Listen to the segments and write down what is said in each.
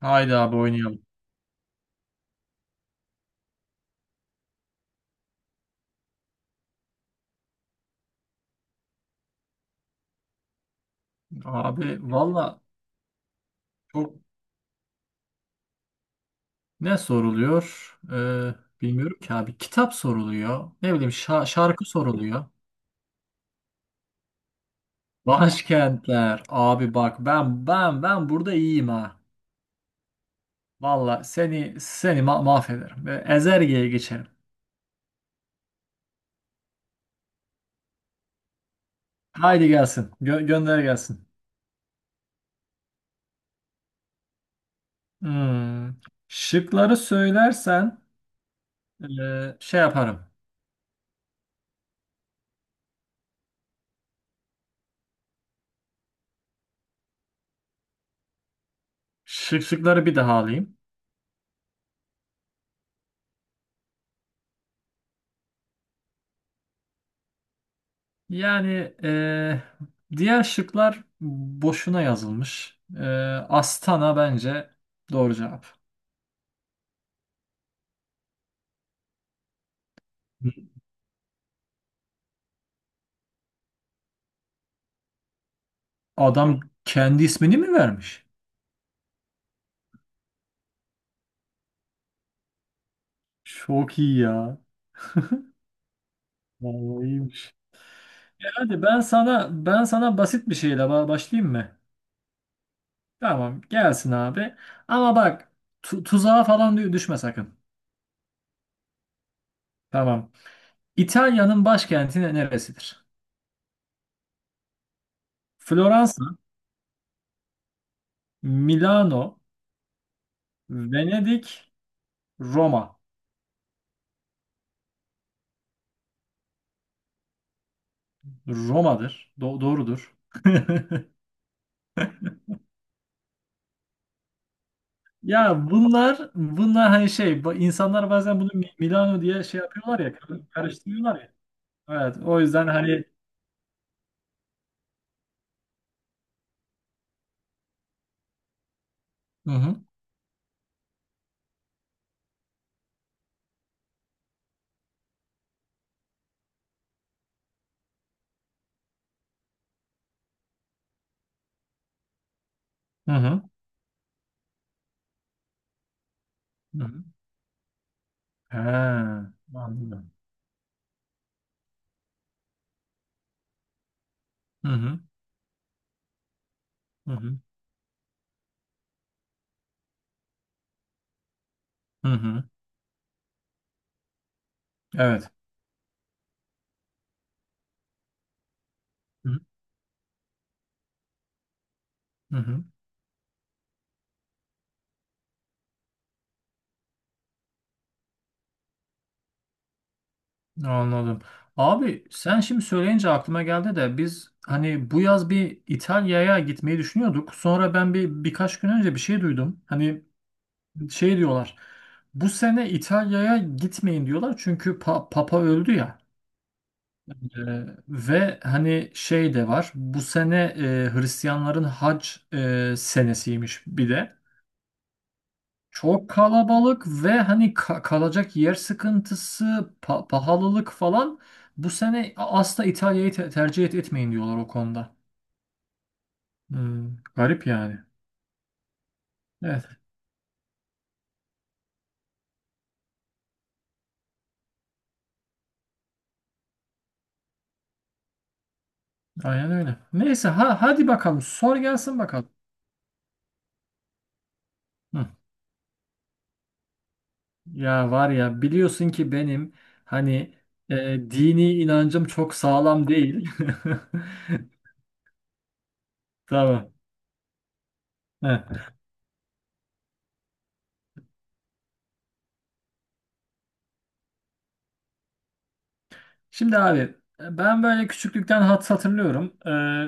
Haydi abi oynayalım. Abi valla çok ne soruluyor? Bilmiyorum ki abi. Kitap soruluyor. Ne bileyim şarkı soruluyor. Başkentler. Abi bak ben burada iyiyim ha. Valla seni mahvederim. Ezerge'ye geçelim. Haydi gelsin. Gönder gelsin. Hmm. Şıkları söylersen şey yaparım. Şıkları bir daha alayım. Yani diğer şıklar boşuna yazılmış. Astana bence doğru cevap. Adam kendi ismini mi vermiş? Çok iyi ya. Vallahi iyiymiş. Hadi ben sana basit bir şeyle başlayayım mı? Tamam, gelsin abi. Ama bak tuzağa falan düşme sakın. Tamam. İtalya'nın başkenti neresidir? Floransa, Milano, Venedik, Roma. Roma'dır. Doğrudur. Ya bunlar hani şey insanlar bazen bunu Milano diye şey yapıyorlar ya karıştırıyorlar ya. Evet o yüzden hani. Hı hı. Hı hı. Hı hı. He, anladım. Hı hı. Hı hı. Hı hı. Evet. Hı hı. Hı hı. Anladım. Abi sen şimdi söyleyince aklıma geldi de biz hani bu yaz bir İtalya'ya gitmeyi düşünüyorduk. Sonra ben birkaç gün önce bir şey duydum. Hani şey diyorlar. Bu sene İtalya'ya gitmeyin diyorlar çünkü Papa öldü ya. Ve hani şey de var. Bu sene Hristiyanların hac senesiymiş bir de. Çok kalabalık ve hani kalacak yer sıkıntısı, pahalılık falan. Bu sene asla İtalya'yı tercih etmeyin diyorlar o konuda. Hmm, garip yani. Evet, aynen öyle. Neyse hadi bakalım sor gelsin bakalım. Hı. Ya var ya biliyorsun ki benim hani e, dini inancım çok sağlam değil. Tamam. Heh. Şimdi abi ben böyle küçüklükten hatırlıyorum.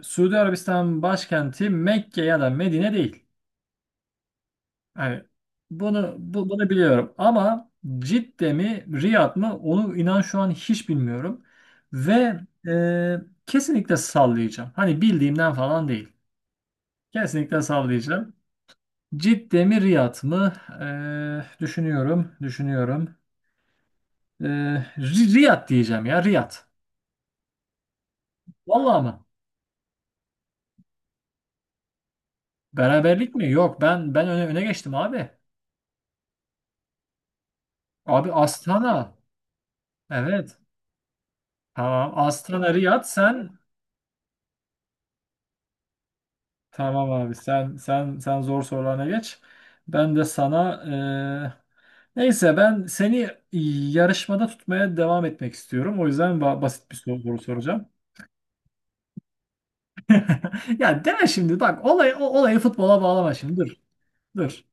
E, Suudi Arabistan başkenti Mekke ya da Medine değil. Hani bu, bunu biliyorum ama Cidde mi Riyad mı onu inan şu an hiç bilmiyorum. Ve e, kesinlikle sallayacağım. Hani bildiğimden falan değil. Kesinlikle sallayacağım. Cidde mi Riyad mı? Düşünüyorum, düşünüyorum. Eee, Riyad diyeceğim ya Riyad. Vallahi mı? Beraberlik mi? Yok ben öne geçtim abi. Abi Astana. Evet. Tamam. Astana Riyad sen tamam abi sen zor sorularına geç. Ben de sana neyse ben seni yarışmada tutmaya devam etmek istiyorum. O yüzden basit bir soru soracağım. Ya deme şimdi bak olayı futbola bağlama şimdi dur. Dur.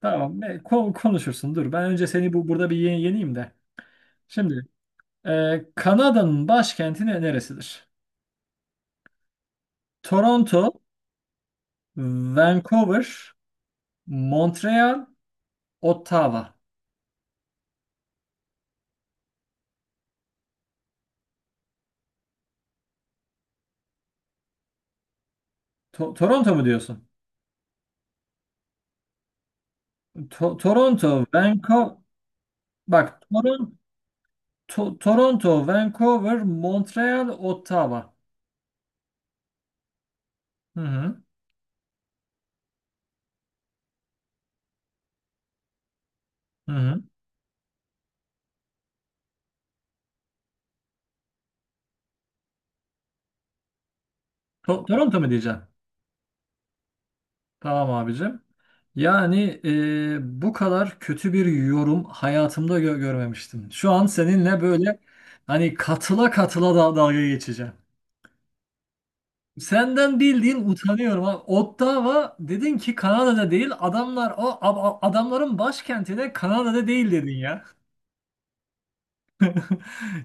Tamam. Konuşursun. Dur. Ben önce seni burada bir yeneyim de. Şimdi Kanada'nın başkenti neresidir? Toronto, Vancouver, Montreal, Ottawa. Toronto mu diyorsun? Toronto, Vancouver. Bak, Toronto, Vancouver, Montreal, Ottawa. Hı hı. Hı hı. Toronto mu diyeceğim? Tamam abicim. Yani bu kadar kötü bir yorum hayatımda görmemiştim. Şu an seninle böyle hani katıla katıla da dalga geçeceğim. Senden bildiğin utanıyorum, ha. Ottawa dedin ki Kanada'da değil. Adamlar adamların başkenti de Kanada'da değil dedin ya.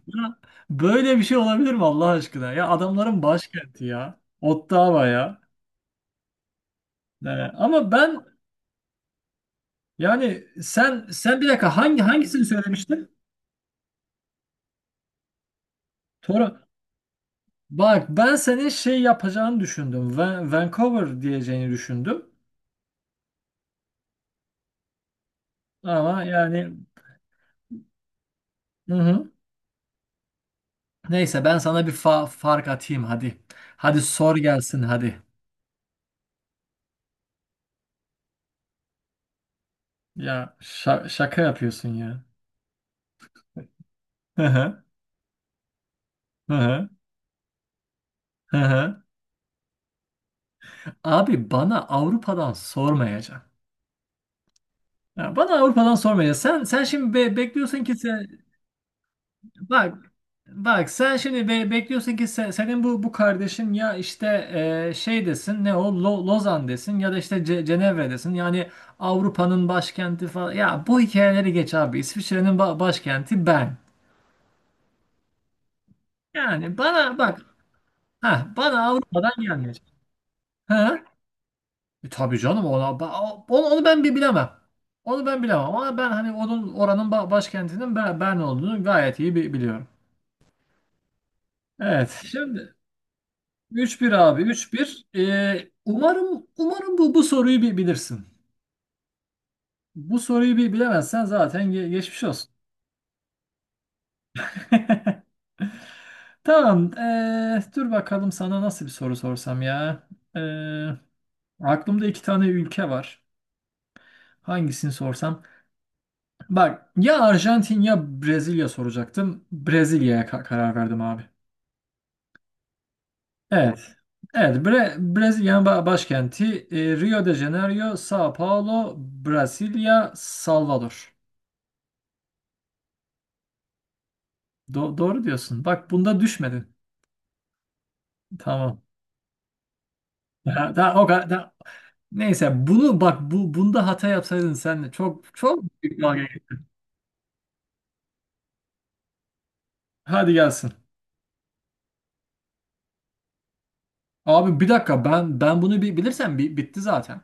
Ya böyle bir şey olabilir mi Allah aşkına? Ya adamların başkenti ya. Ottawa ya. Yani ama ben yani sen bir dakika hangisini söylemiştin? Toronto. Bak ben senin şey yapacağını düşündüm. Vancouver diyeceğini düşündüm. Ama yani hı hı. Neyse ben sana bir fark atayım hadi. Hadi sor gelsin hadi. Ya şaka yapıyorsun ya. Hı hı. Hı hı. Hı hı. Abi bana Avrupa'dan sormayacaksın. Ya bana Avrupa'dan sormayacaksın. Sen şimdi bekliyorsun ki sen bak. Bak sen şimdi bekliyorsun ki senin bu kardeşin ya işte şey desin ne o Lozan desin ya da işte Cenevre desin yani Avrupa'nın başkenti falan ya bu hikayeleri geç abi İsviçre'nin başkenti ben yani bana bak ha bana Avrupa'dan gelmeyecek ha. E, tabii canım ona onu ben bir bilemem, onu ben bilemem ama ben hani oranın başkentinin ben olduğunu gayet iyi biliyorum. Evet şimdi. 3-1 abi 3-1. Umarım bu soruyu bir bilirsin. Bu soruyu bir bilemezsen zaten geçmiş olsun. Tamam. Dur bakalım sana nasıl bir soru sorsam ya. Ee, aklımda iki tane ülke var. Hangisini sorsam? Bak ya Arjantin ya Brezilya soracaktım. Brezilya'ya karar verdim abi. Evet. Evet, Brezilya'nın başkenti Rio de Janeiro, São Paulo, Brasilia, Salvador. Doğru diyorsun. Bak bunda düşmedin. Tamam. Daha, daha o kadar, daha. Neyse bunu bak bunda hata yapsaydın sen de çok büyük dalga geçtin. Hadi gelsin. Abi bir dakika ben bunu bir bilirsem bitti zaten.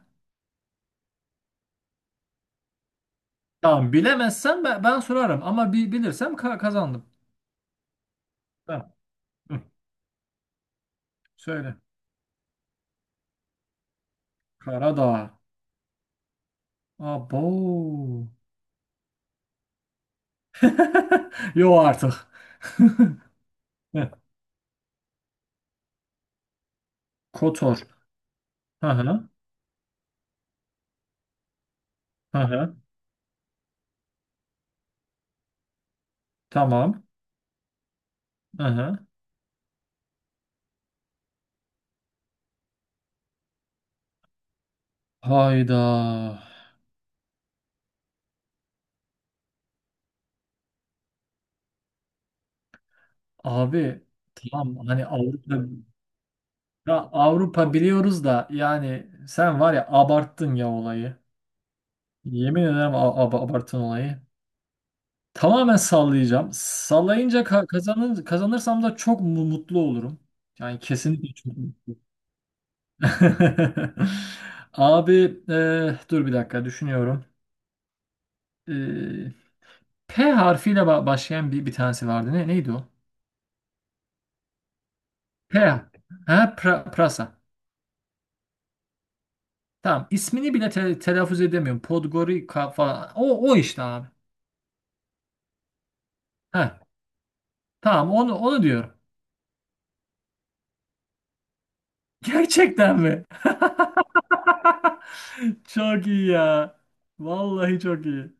Tamam bilemezsem ben sorarım ama bir bilirsem kazandım. Tamam. Hı. Söyle. Karadağ. Abo. Yo artık. Heh. Kotor. Hı hı. Hı hı. Tamam. Hı hı. Hayda. Abi tamam hani Avrupa ya Avrupa biliyoruz da yani sen var ya abarttın ya olayı. Yemin ederim abarttın olayı. Tamamen sallayacağım. Sallayınca kazanır kazanırsam da çok mutlu olurum. Yani kesinlikle çok. Abi dur bir dakika düşünüyorum. E, P harfiyle başlayan bir tanesi vardı. Ne neydi o? P. Ha prasa. Tamam, ismini bile telaffuz edemiyorum. Podgorica falan. O, o işte abi. Heh. Tamam onu diyorum. Gerçekten mi? Çok iyi ya. Vallahi çok iyi.